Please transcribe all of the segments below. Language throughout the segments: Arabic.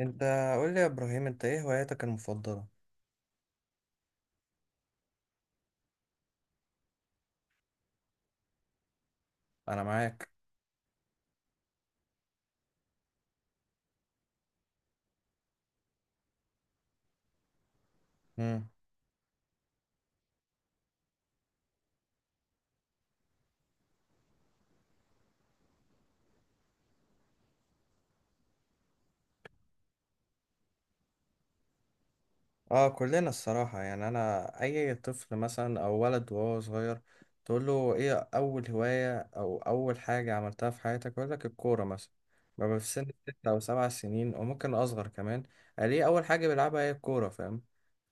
انت قول لي يا ابراهيم، انت ايه هواياتك المفضلة؟ انا معاك. مم. اه، كلنا الصراحة، يعني انا اي طفل مثلا او ولد وهو صغير تقول له ايه اول هواية او اول حاجة عملتها في حياتك يقول لك الكورة مثلا. ببقى في سن 6 او 7 سنين او ممكن اصغر كمان. ليه اول حاجة بيلعبها هي الكورة، فاهم؟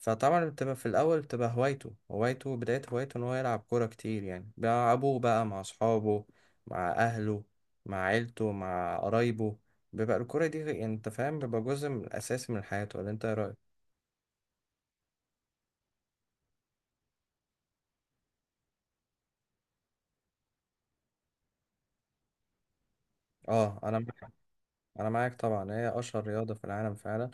فطبعا بتبقى في الاول بتبقى هوايته، بداية هوايته ان هو يلعب كورة كتير. يعني بيلعبوه بقى مع اصحابه، مع اهله، مع عيلته، مع قرايبه. بيبقى الكورة دي، يعني انت فاهم، بيبقى جزء من اساسي من حياته. ولا انت ايه رأيك؟ اه، انا معاك طبعا، هي اشهر رياضه في العالم فعلا.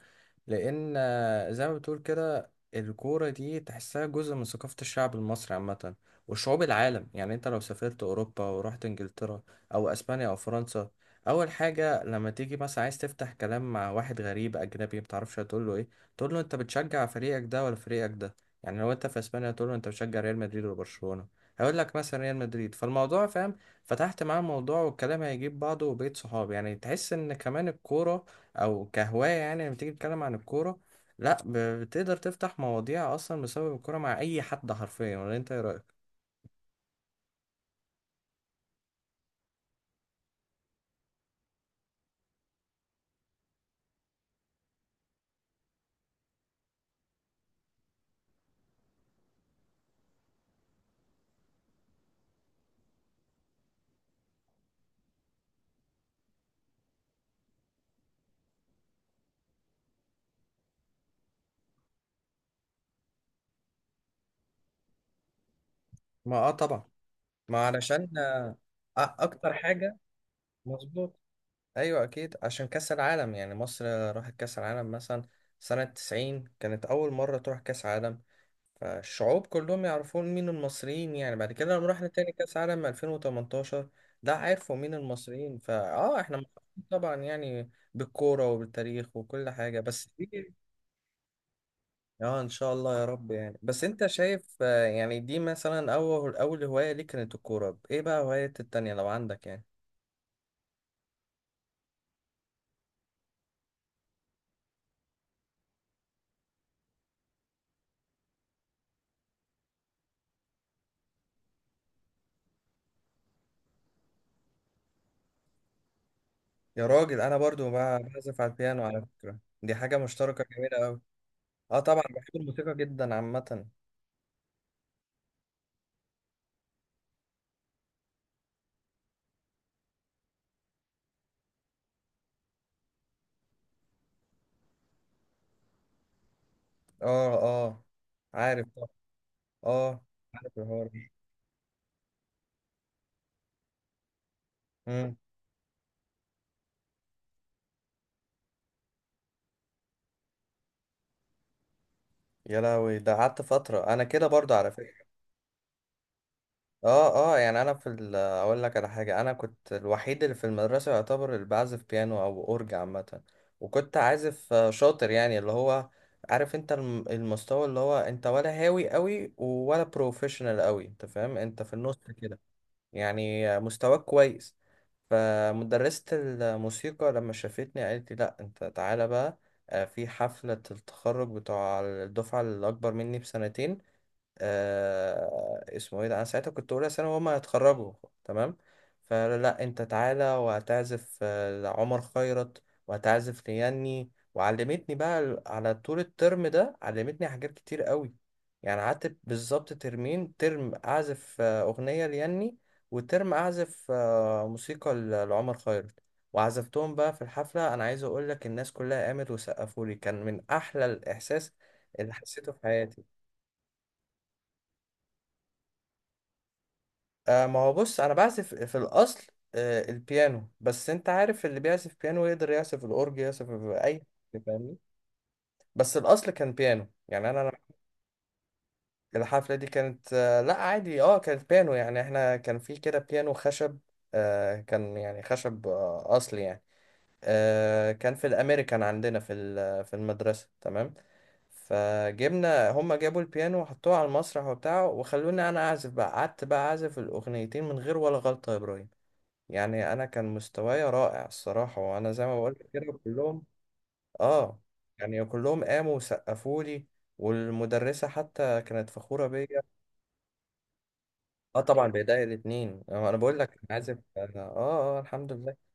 لان زي ما بتقول كده الكوره دي تحسها جزء من ثقافه الشعب المصري عامه وشعوب العالم. يعني انت لو سافرت اوروبا ورحت انجلترا او اسبانيا او فرنسا، اول حاجه لما تيجي مثلا عايز تفتح كلام مع واحد غريب اجنبي متعرفش هتقول له ايه؟ تقول له انت بتشجع فريقك ده ولا فريقك ده. يعني لو انت في اسبانيا تقول له انت بتشجع ريال مدريد ولا برشلونه، هيقول لك مثلا ريال مدريد. فالموضوع فاهم، فتحت معاه الموضوع والكلام هيجيب بعضه وبقيت صحاب. يعني تحس ان كمان الكورة او كهواية، يعني لما تيجي تتكلم عن الكورة، لا، بتقدر تفتح مواضيع اصلا بسبب الكورة مع اي حد حرفيا. ولا انت ايه رأيك؟ ما طبعا، ما علشان اكتر حاجة. مظبوط. ايوه اكيد، عشان كاس العالم. يعني مصر راحت كاس العالم مثلا سنة 90، كانت اول مرة تروح كاس عالم. فالشعوب كلهم يعرفون مين المصريين. يعني بعد كده لما رحنا تاني كاس عالم 2018 ده، عرفوا مين المصريين. فاه احنا محظوظين طبعا، يعني بالكورة وبالتاريخ وكل حاجة بس دي. اه، ان شاء الله يا رب. يعني بس انت شايف، يعني دي مثلا اول اول هواية ليك كانت الكورة، ايه بقى هواية التانية لو عندك يعني؟ يا راجل انا برضو بعزف على البيانو، على فكرة دي حاجة مشتركة جميلة قوي. اه طبعا، بحب الموسيقى جدا عامة. اه، اه، عارف طبعا. اه، عارف الحوار ده. مم. يا لهوي، ده قعدت فترة انا كده برضو على فكرة. اه، اه، يعني انا اقول لك على حاجة، انا كنت الوحيد اللي في المدرسة يعتبر اللي بعزف بيانو او اورج عامة. وكنت عازف شاطر، يعني اللي هو عارف انت المستوى، اللي هو انت ولا هاوي قوي ولا بروفيشنال قوي، انت فاهم انت في النص كده. يعني مستواك كويس. فمدرسة الموسيقى لما شافتني قالت لي لا انت تعالى بقى في حفلة التخرج بتوع الدفعة الأكبر مني بسنتين. اسمه ايه ده، انا ساعتها كنت اولى ثانوي وهما هيتخرجوا، تمام. فلا، لا، انت تعالى وهتعزف لعمر خيرت وهتعزف لياني. وعلمتني بقى، على طول الترم ده علمتني حاجات كتير قوي. يعني قعدت بالظبط ترمين، ترم اعزف اغنية لياني، وترم اعزف موسيقى لعمر خيرت. وعزفتهم بقى في الحفلة. انا عايز اقول لك، الناس كلها قامت وسقفوا لي، كان من احلى الاحساس اللي حسيته في حياتي. ما هو بص انا بعزف في الاصل البيانو، بس انت عارف اللي بيعزف بيانو يقدر يعزف الاورج، يعزف اي حاجة، فاهمني. بس الاصل كان بيانو يعني انا. أنا الحفله دي كانت لا عادي، كانت بيانو. يعني احنا كان في كده بيانو خشب، كان يعني خشب اصلي يعني. كان في الامريكان عندنا في المدرسه، تمام. فجبنا، هما جابوا البيانو وحطوه على المسرح وبتاع وخلوني انا اعزف بقى. قعدت بقى اعزف الاغنيتين من غير ولا غلطه يا ابراهيم. يعني انا كان مستواي رائع الصراحه، وانا زي ما بقول لك كده كلهم، اه، يعني كلهم قاموا وسقفوا لي، والمدرسه حتى كانت فخوره بيا. اه طبعا، بايديا الاثنين، انا بقول لك أنا عازف، الحمد لله.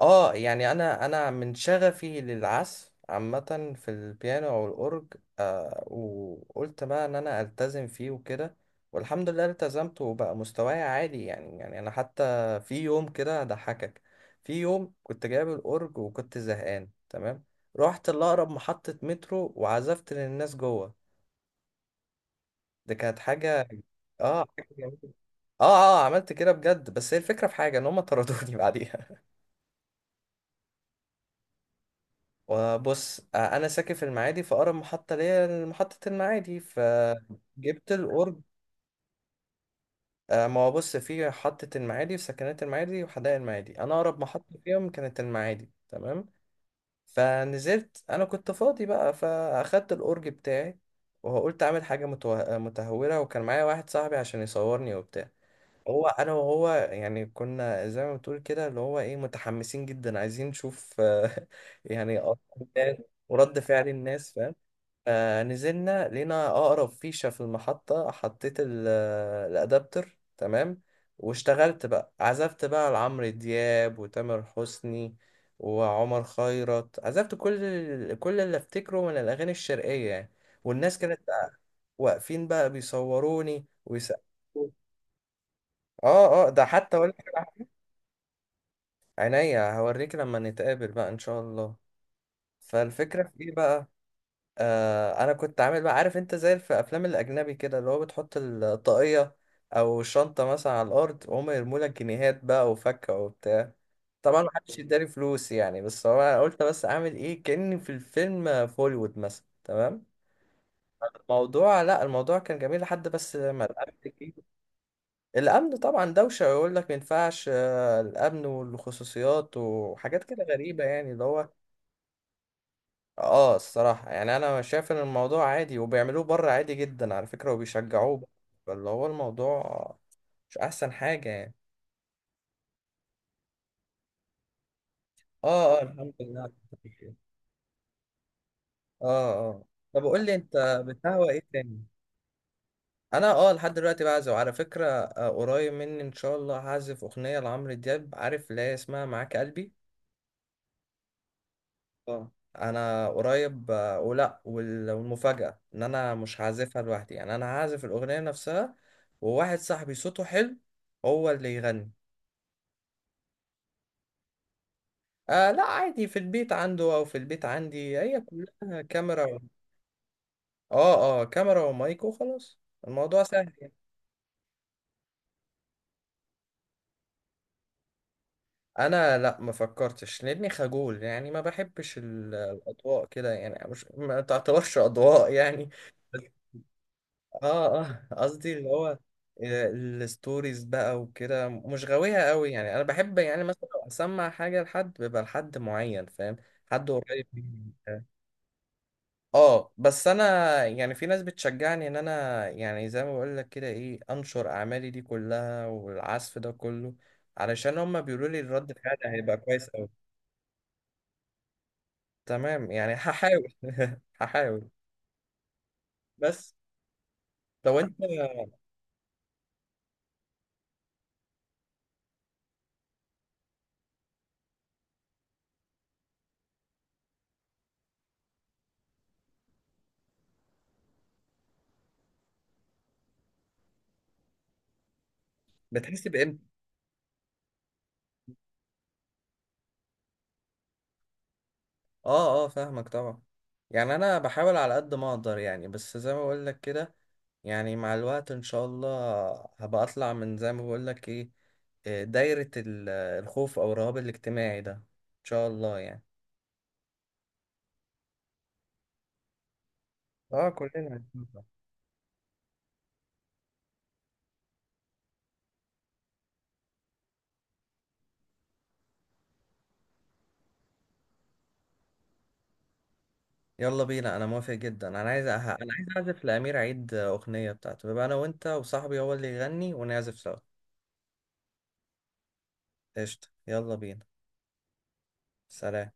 اه، يعني انا من شغفي للعزف عامة في البيانو او الاورج، وقلت بقى ان انا التزم فيه وكده. والحمد لله التزمت وبقى مستواي عالي. يعني انا حتى في يوم كده هضحكك. في يوم كنت جايب الاورج وكنت زهقان تمام، رحت لاقرب محطة مترو وعزفت للناس جوه. دي كانت حاجة، اه، حاجة جميلة. اه، اه، عملت كده بجد، بس هي الفكرة في حاجة ان هم طردوني بعديها. وبص، انا ساكن في المعادي، فاقرب محطه ليا محطه المعادي، فجبت القرب. ما هو بص، في محطه المعادي، في سكنات المعادي وحدائق المعادي، انا اقرب محطه فيهم كانت المعادي، تمام. فنزلت، انا كنت فاضي بقى فاخدت الأورج بتاعي، وقلت اعمل حاجه متهوره، وكان معايا واحد صاحبي عشان يصورني وبتاع. هو انا وهو، يعني كنا زي ما بتقول كده اللي هو ايه، متحمسين جدا عايزين نشوف يعني آراء الناس ورد فعل الناس، فاهم. نزلنا لقينا أقرب فيشة في المحطة، حطيت الأدابتر، تمام. واشتغلت بقى، عزفت بقى لعمرو دياب وتامر حسني وعمر خيرت، عزفت كل اللي افتكره من الأغاني الشرقية يعني. والناس كانت واقفين بقى بيصوروني ويسقفوا. اه، اه، ده حتى أقول لك على حاجة. عينيا هوريك لما نتقابل بقى إن شاء الله. فالفكرة في إيه بقى؟ انا كنت عامل بقى، عارف انت زي في افلام الاجنبي كده، اللي هو بتحط الطاقية او شنطة مثلا على الارض وهم يرموا لك جنيهات بقى وفكة وبتاع. طبعا محدش يداري فلوس يعني، بس هو انا قلت بس اعمل ايه كأني في الفيلم في هوليوود مثلا، تمام. الموضوع، لا الموضوع كان جميل لحد بس ما الامن جه. الامن طبعا دوشة ويقول لك ما ينفعش، الامن والخصوصيات وحاجات كده غريبة، يعني اللي هو. اه، الصراحة يعني انا شايف ان الموضوع عادي وبيعملوه بره عادي جدا على فكرة، وبيشجعوه بره. فاللي هو الموضوع مش احسن حاجة يعني. اه، اه، الحمد لله على التوفيق. اه، اه، طب قول لي انت بتهوى ايه تاني؟ انا لحد دلوقتي بعزف على فكرة. قريب مني ان شاء الله هعزف اغنية لعمرو دياب، عارف اللي هي اسمها معاك قلبي. اه، انا قريب ولا والمفاجأة ان انا مش هعزفها لوحدي، يعني انا هعزف الاغنية نفسها وواحد صاحبي صوته حلو هو اللي يغني. لا عادي، في البيت عنده او في البيت عندي، هي كلها كاميرا و... اه، اه، كاميرا ومايك وخلاص، الموضوع سهل يعني. انا لا، ما فكرتش لاني خجول، يعني ما بحبش الاضواء كده، يعني مش، ما تعتبرش اضواء يعني. اه، اه، قصدي اللي هو الستوريز بقى وكده مش غاويها قوي يعني. انا بحب يعني مثلا لو اسمع حاجه لحد بيبقى لحد معين، فاهم؟ حد قريب مني. اه، بس انا يعني في ناس بتشجعني ان انا، يعني زي ما بقول لك كده، ايه انشر اعمالي دي كلها والعزف ده كله، علشان هما بيقولوا لي الرد الفعل هيبقى كويس قوي. تمام، يعني هحاول هحاول، بس لو انت بتحس بامتى. اه، اه، فاهمك طبعا. يعني انا بحاول على قد ما اقدر، يعني بس زي ما بقول لك كده، يعني مع الوقت ان شاء الله هبقى اطلع من، زي ما بقول لك ايه، إيه، دايرة الخوف او الرهاب الاجتماعي ده، ان شاء الله يعني. اه، كلنا هنشوفها. يلا بينا، انا موافق جدا، انا عايز اعزف لامير عيد اغنية بتاعته، يبقى انا وانت وصاحبي هو اللي يغني ونعزف سوا. قشطة، يلا بينا. سلام.